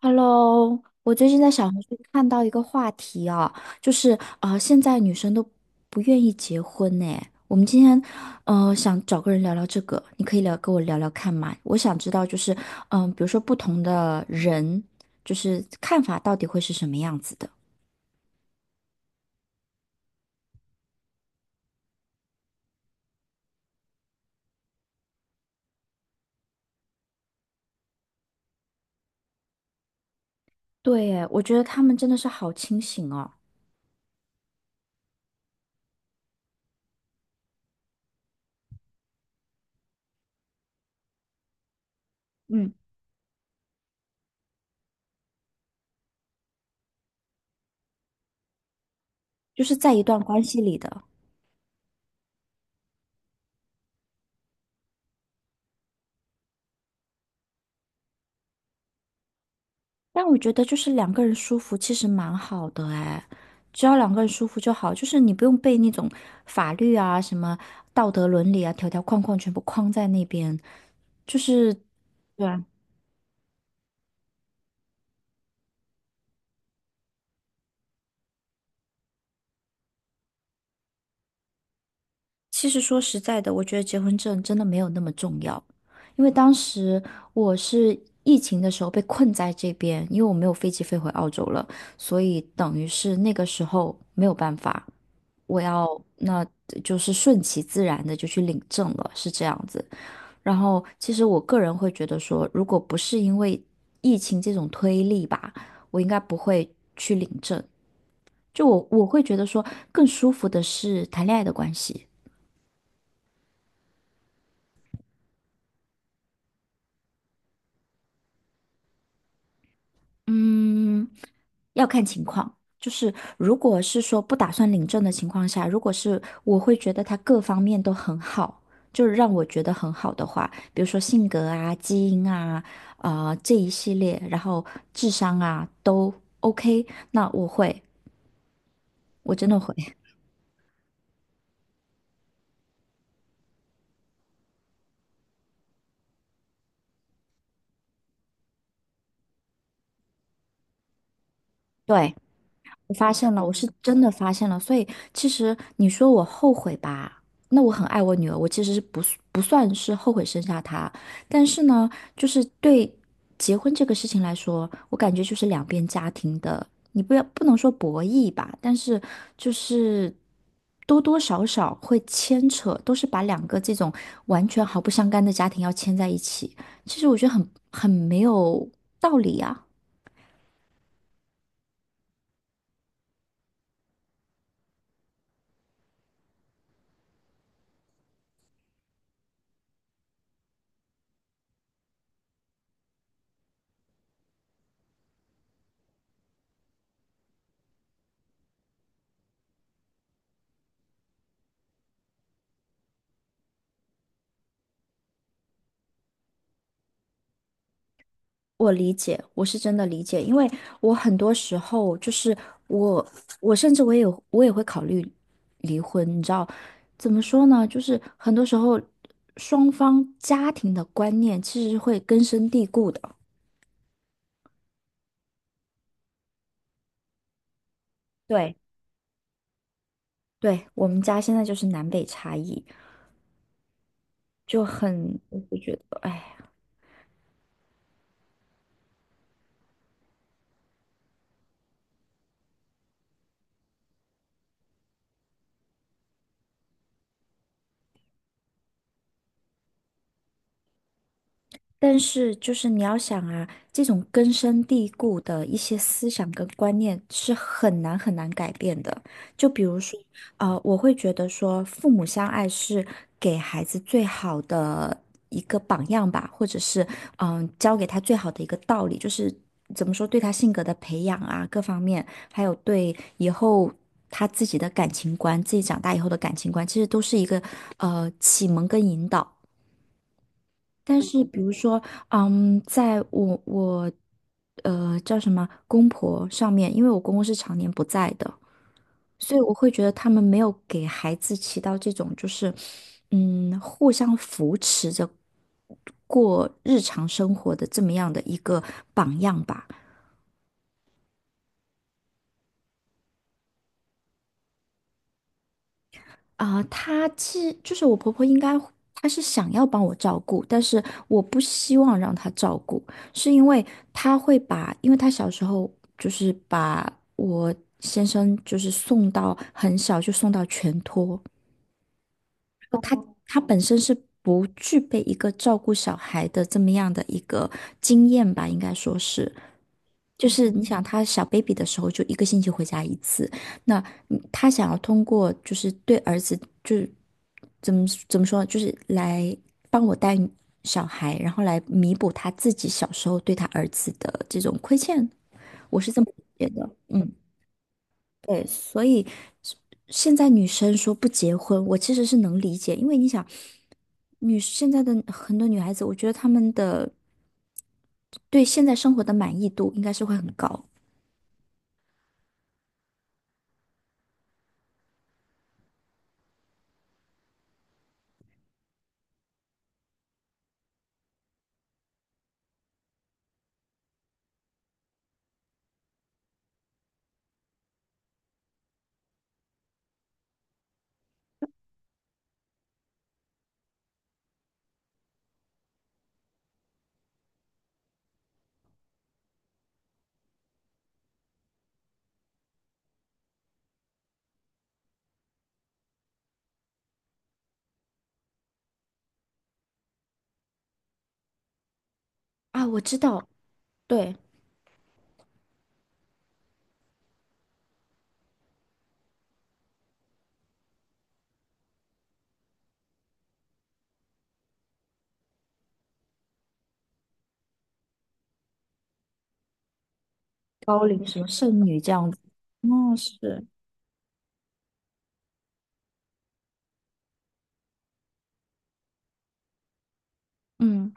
Hello，我最近在小红书看到一个话题啊，就是啊，现在女生都不愿意结婚呢。我们今天想找个人聊聊这个，你可以跟我聊聊看嘛？我想知道就是比如说不同的人，就是看法到底会是什么样子的？对耶，我觉得他们真的是好清醒哦。嗯，就是在一段关系里的。但我觉得就是两个人舒服，其实蛮好的哎，只要两个人舒服就好，就是你不用被那种法律啊、什么道德伦理啊、条条框框全部框在那边。就是。对啊，其实说实在的，我觉得结婚证真的没有那么重要。因为当时我是疫情的时候被困在这边，因为我没有飞机飞回澳洲了，所以等于是那个时候没有办法，我要那就是顺其自然的就去领证了，是这样子。然后，其实我个人会觉得说，如果不是因为疫情这种推力吧，我应该不会去领证。就我会觉得说，更舒服的是谈恋爱的关系。嗯，要看情况。就是如果是说不打算领证的情况下，如果是我会觉得他各方面都很好，就是让我觉得很好的话，比如说性格啊、基因啊、这一系列，然后智商啊都 OK，那我会，我真的会。对，我发现了，我是真的发现了。所以其实你说我后悔吧，那我很爱我女儿，我其实不是不算是后悔生下她，但是呢，就是对结婚这个事情来说，我感觉就是两边家庭的，你不要不能说博弈吧，但是就是多多少少会牵扯，都是把两个这种完全毫不相干的家庭要牵在一起，其实我觉得很没有道理啊。我理解，我是真的理解，因为我很多时候就是我，我甚至我也会考虑离婚。你知道，怎么说呢？就是很多时候双方家庭的观念其实是会根深蒂固的。对，对，我们家现在就是南北差异，就很，我就觉得，哎。但是，就是你要想啊，这种根深蒂固的一些思想跟观念是很难很难改变的。就比如说，我会觉得说，父母相爱是给孩子最好的一个榜样吧，或者是教给他最好的一个道理，就是怎么说对他性格的培养啊，各方面，还有对以后他自己的感情观，自己长大以后的感情观，其实都是一个启蒙跟引导。但是比如说，在我叫什么公婆上面，因为我公公是常年不在的，所以我会觉得他们没有给孩子起到这种就是互相扶持着过日常生活的这么样的一个榜样吧。啊、她其实就是我婆婆，应该她是想要帮我照顾，但是我不希望让她照顾，是因为她会把，因为她小时候就是把我先生就是送到很小就送到全托。他他本身是不具备一个照顾小孩的这么样的一个经验吧，应该说是。就是你想他小 baby 的时候，就一个星期回家一次。那他想要通过就是对儿子，就是怎么说呢就是来帮我带小孩，然后来弥补他自己小时候对他儿子的这种亏欠。我是这么觉得。嗯。对，所以现在女生说不结婚，我其实是能理解，因为你想，现在的很多女孩子，我觉得她们的对现在生活的满意度应该是会很高啊。我知道，对，高龄什么剩女这样子，那是，嗯，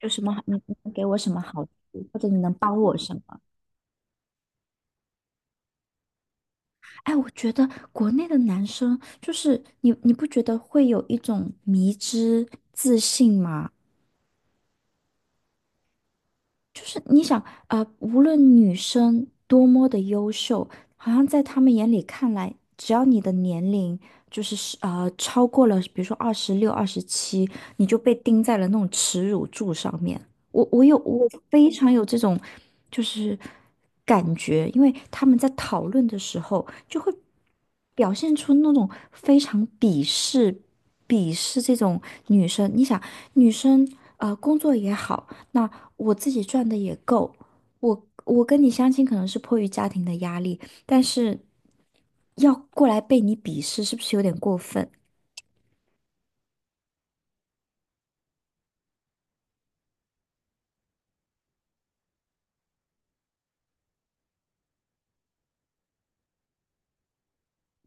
有什么好你能给我什么好处，或者你能帮我什么？哎，我觉得国内的男生就是你不觉得会有一种迷之自信吗？就是你想，无论女生多么的优秀，好像在他们眼里看来，只要你的年龄就是超过了，比如说26、27，你就被钉在了那种耻辱柱上面。我非常有这种就是感觉，因为他们在讨论的时候就会表现出那种非常鄙视这种女生。你想，女生工作也好。那我自己赚的也够。我跟你相亲可能是迫于家庭的压力，但是要过来被你鄙视，是不是有点过分？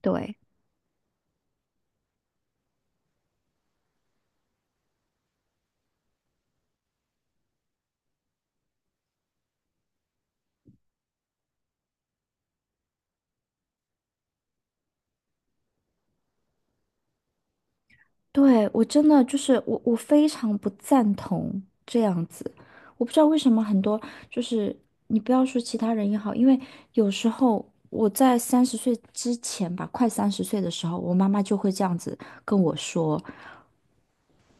对，对，我真的就是我非常不赞同这样子。我不知道为什么很多就是你不要说其他人也好，因为有时候我在三十岁之前吧，快三十岁的时候，我妈妈就会这样子跟我说，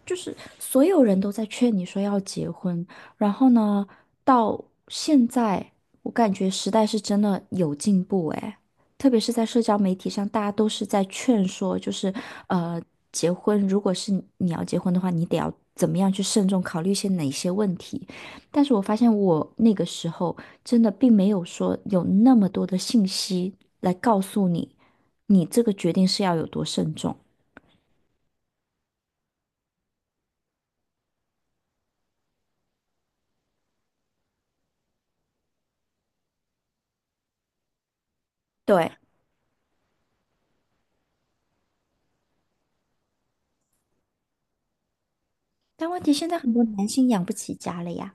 就是所有人都在劝你说要结婚，然后呢，到现在我感觉时代是真的有进步诶，特别是在社交媒体上，大家都是在劝说，就是呃，结婚如果是你要结婚的话，你得要怎么样去慎重考虑一些哪些问题。但是我发现我那个时候真的并没有说有那么多的信息来告诉你，你这个决定是要有多慎重。对。但问题现在很多男性养不起家了呀。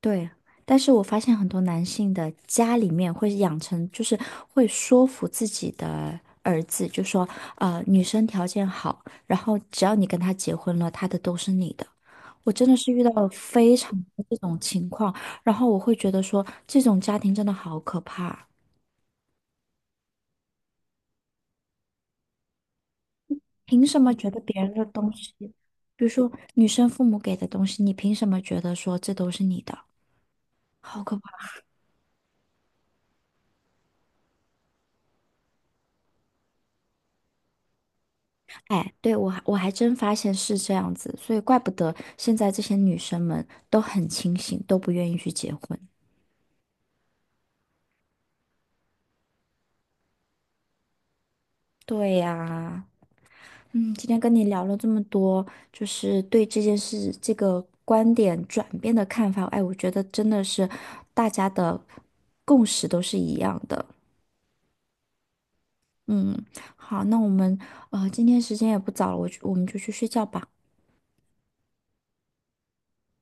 对，但是我发现很多男性的家里面会养成，就是会说服自己的儿子，就说女生条件好，然后只要你跟她结婚了，她的都是你的。我真的是遇到了非常多这种情况，然后我会觉得说，这种家庭真的好可怕，凭什么觉得别人的东西，比如说女生父母给的东西，你凭什么觉得说这都是你的？好可。哎，对，我还真发现是这样子，所以怪不得现在这些女生们都很清醒，都不愿意去结婚。对呀，今天跟你聊了这么多，就是对这件事这个观点转变的看法，哎，我觉得真的是大家的共识都是一样的。嗯，好，那我们今天时间也不早了，我们就去睡觉吧。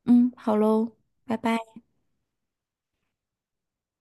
嗯，好喽，拜拜。